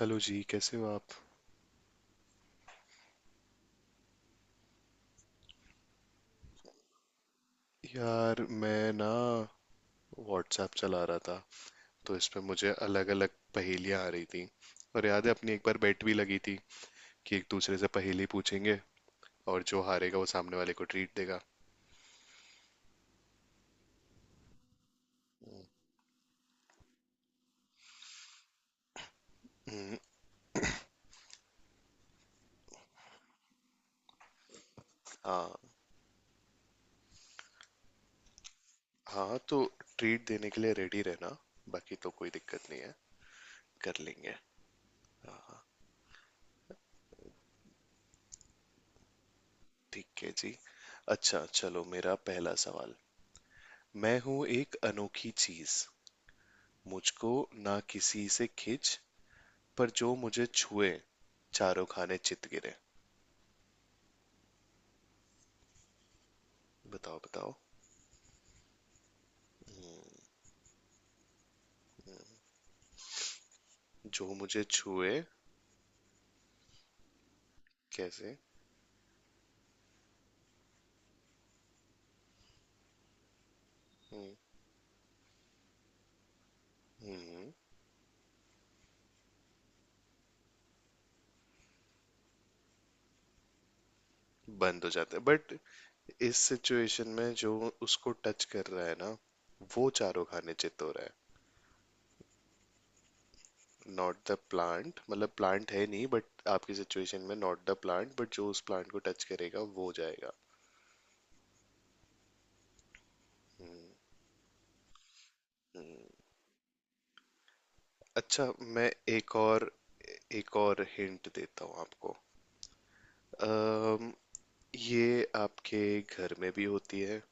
Hello जी। कैसे हो आप? यार मैं ना व्हाट्सएप चला रहा था। तो इस पे मुझे अलग अलग पहेलियां आ रही थी। और याद है, अपनी एक बार बेट भी लगी थी कि एक दूसरे से पहेली पूछेंगे, और जो हारेगा वो सामने वाले को ट्रीट देगा। हम्म। हाँ हाँ, तो ट्रीट देने के लिए रेडी रहना। बाकी तो कोई दिक्कत नहीं है, कर लेंगे। हाँ, ठीक है जी। अच्छा चलो, मेरा पहला सवाल। मैं हूँ एक अनोखी चीज, मुझको ना किसी से खिंच, पर जो मुझे छुए चारों खाने चित गिरे। बताओ बताओ। जो मुझे छुए। कैसे? हम्म हम्म, बंद हो जाते हैं। बट इस सिचुएशन में जो उसको टच कर रहा है ना, वो चारों खाने चित हो रहा है। नॉट द प्लांट, मतलब प्लांट है नहीं, बट आपकी सिचुएशन में नॉट द प्लांट, बट जो उस प्लांट को टच करेगा वो जाएगा। हम्म। हम्म। अच्छा, मैं एक और एक और हिंट देता हूँ आपको। ये आपके घर में भी होती है।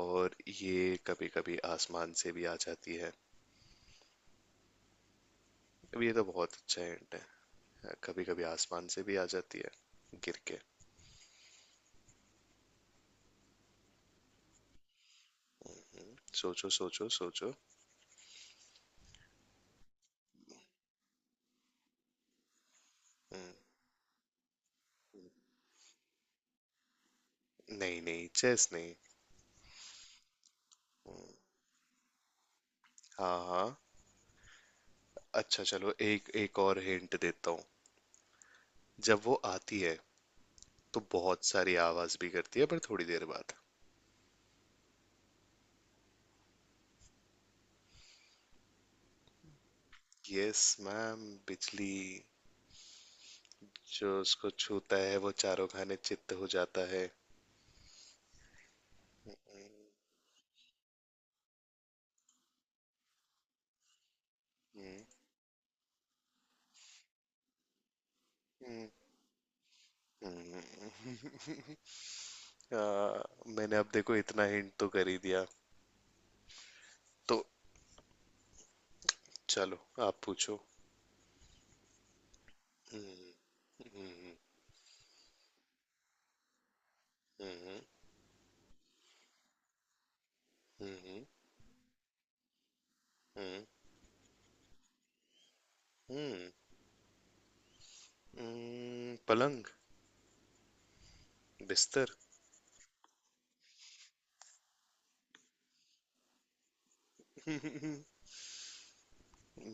और ये कभी कभी आसमान से भी आ जाती है। अब ये तो बहुत अच्छा हिंट है, कभी कभी आसमान से भी आ जाती है गिर के। सोचो सोचो सोचो। हम्म, नहीं नहीं, चेस नहीं। हम्म, हाँ हाँ। अच्छा चलो, एक एक और हिंट देता हूँ। जब वो आती है तो बहुत सारी आवाज भी करती है, पर थोड़ी देर बाद। यस मैम, बिजली। जो उसको छूता है वो चारों खाने चित्त हो जाता है। हम्म। हम्म। हम्म। आ, मैंने अब देखो इतना हिंट तो कर ही दिया, तो चलो, आप पूछो। हम्म, हम्म, हम्म, हम्म, हम्म, हम्म, पलंग? बिस्तर?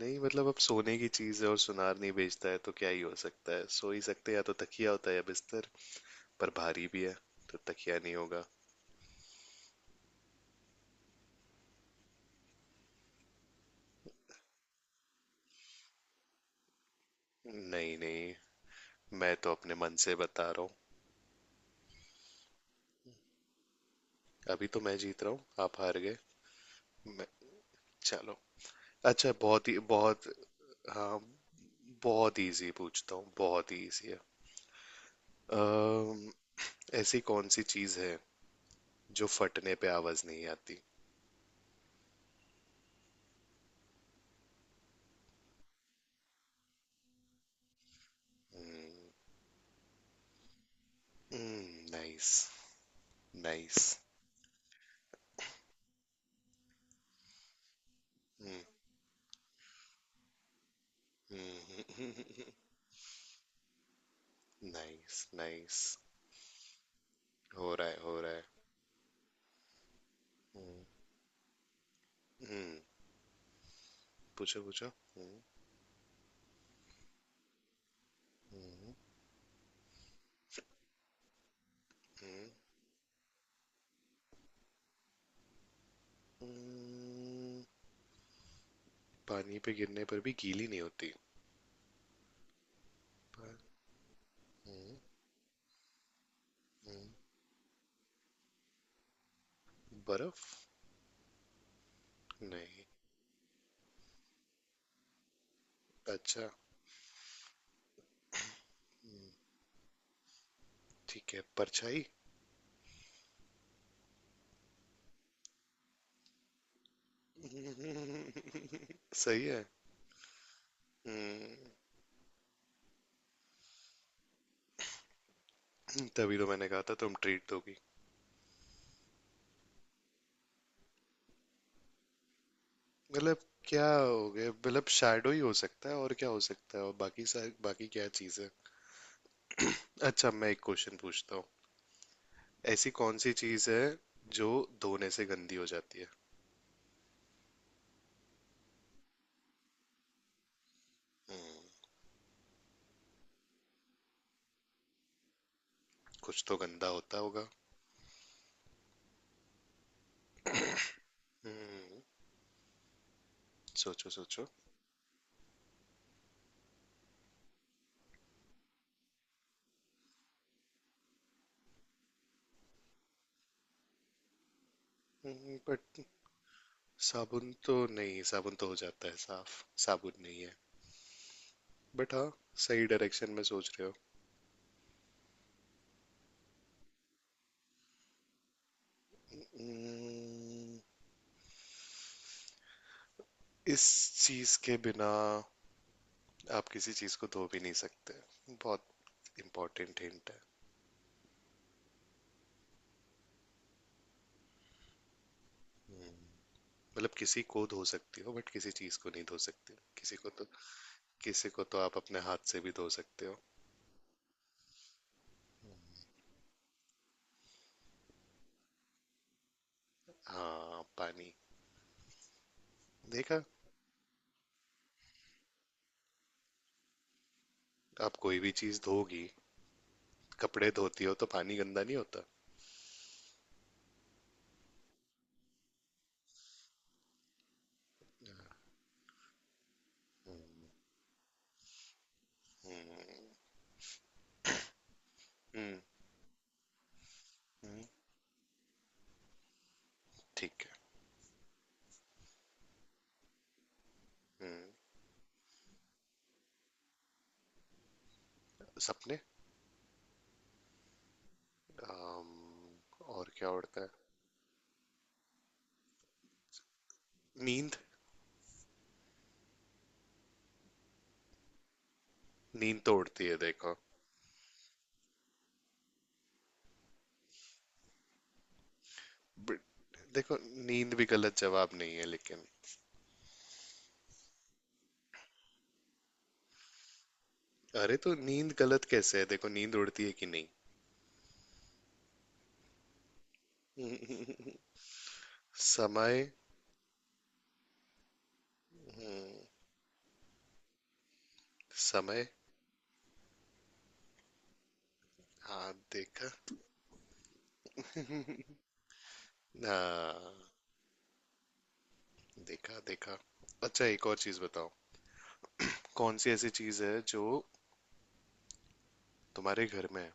नहीं, मतलब अब सोने की चीज है और सुनार नहीं बेचता है, तो क्या ही हो सकता है, सो ही सकते हैं, या तो तकिया होता है या बिस्तर। पर भारी भी है, तो तकिया नहीं होगा। नहीं नहीं, मैं तो अपने मन से बता रहा हूँ। अभी तो मैं जीत रहा हूँ, आप हार गए। मैं चलो। अच्छा बहुत ही बहुत। हाँ। बहुत इजी पूछता हूँ, बहुत ही इजी है। अम, ऐसी कौन सी चीज है जो फटने पे आवाज नहीं आती? नाइस। नाइस। नाइस। नाइस। हो रहा है, हो रहा है। हम्म, हम्म, पूछो पूछो। हम्म, हम्म, हम्म, पानी पे गिरने पर भी गीली नहीं होती। पर- हम्म, हम्म, बर्फ? नहीं। अच्छा, ठीक है, परछाई। सही है। हम्म तभी तो मैंने कहा था तुम ट्रीट दोगी। मतलब क्या हो गया, मतलब शैडो ही हो सकता है और क्या हो सकता है, और बाकी सारी, बाकी क्या चीज है। अच्छा, मैं एक क्वेश्चन पूछता हूँ। ऐसी कौन सी चीज है जो धोने से गंदी हो जाती है? हम्म कुछ तो गंदा होता होगा। हम्म सोचो सोचो। बट साबुन तो नहीं, साबुन तो हो जाता है साफ, साबुन नहीं है। बट हाँ, सही डायरेक्शन में सोच रहे हो। हम्म इस चीज के बिना आप किसी चीज को धो भी नहीं सकते। बहुत इंपॉर्टेंट हिंट है। हम्म, मतलब किसी को धो सकती हो बट किसी चीज को नहीं धो सकते, किसी को तो। किसी को तो आप अपने हाथ से भी धो सकते हो। हाँ, पानी। देखा। आप कोई भी चीज धोगी, कपड़े धोती हो तो पानी गंदा नहीं होता। हम्म। हम्म, हम्म, हम्म, ठीक है। हम्म, सपने। अम, और क्या उड़ता है? नींद। नींद तो उड़ती है देखो। ब- देखो, नींद भी गलत जवाब नहीं है, लेकिन। अरे तो नींद गलत कैसे है? देखो नींद उड़ती है कि नहीं? समय। हम्म, समय। हाँ देखा। हाँ देखा देखा। अच्छा एक और चीज बताओ। कौन सी ऐसी चीज है जो तुम्हारे घर में है?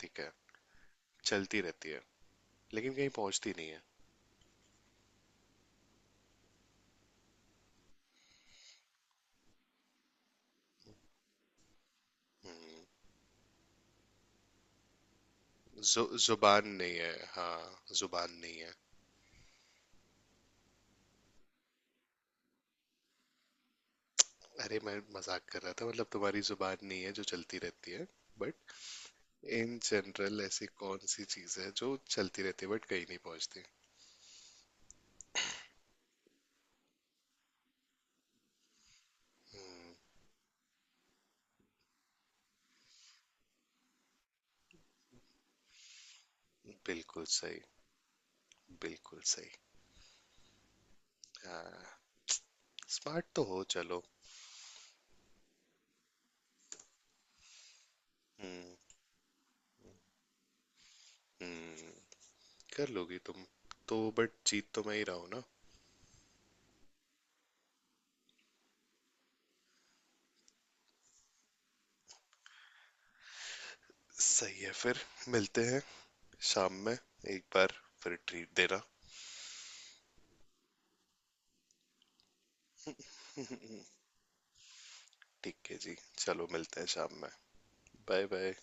ठीक है। चलती रहती है लेकिन कहीं पहुंचती नहीं है। हम्म, जुबान नहीं है। हाँ, जुबान नहीं है। अरे मैं मजाक कर रहा था, मतलब तुम्हारी जुबान नहीं है जो चलती रहती है। इन जनरल ऐसी कौन सी चीज है जो चलती रहती है बट कहीं नहीं पहुंचती? बिल्कुल सही। बिल्कुल सही। हाँ, स्मार्ट तो हो। चलो। हम्म हम्म कर लोगी तुम तो, बट जीत तो मैं ही रहा हूं ना। सही है। फिर मिलते हैं शाम में एक बार। फिर ट्रीट देना। ठीक है जी, चलो, मिलते हैं शाम में। Bye bye.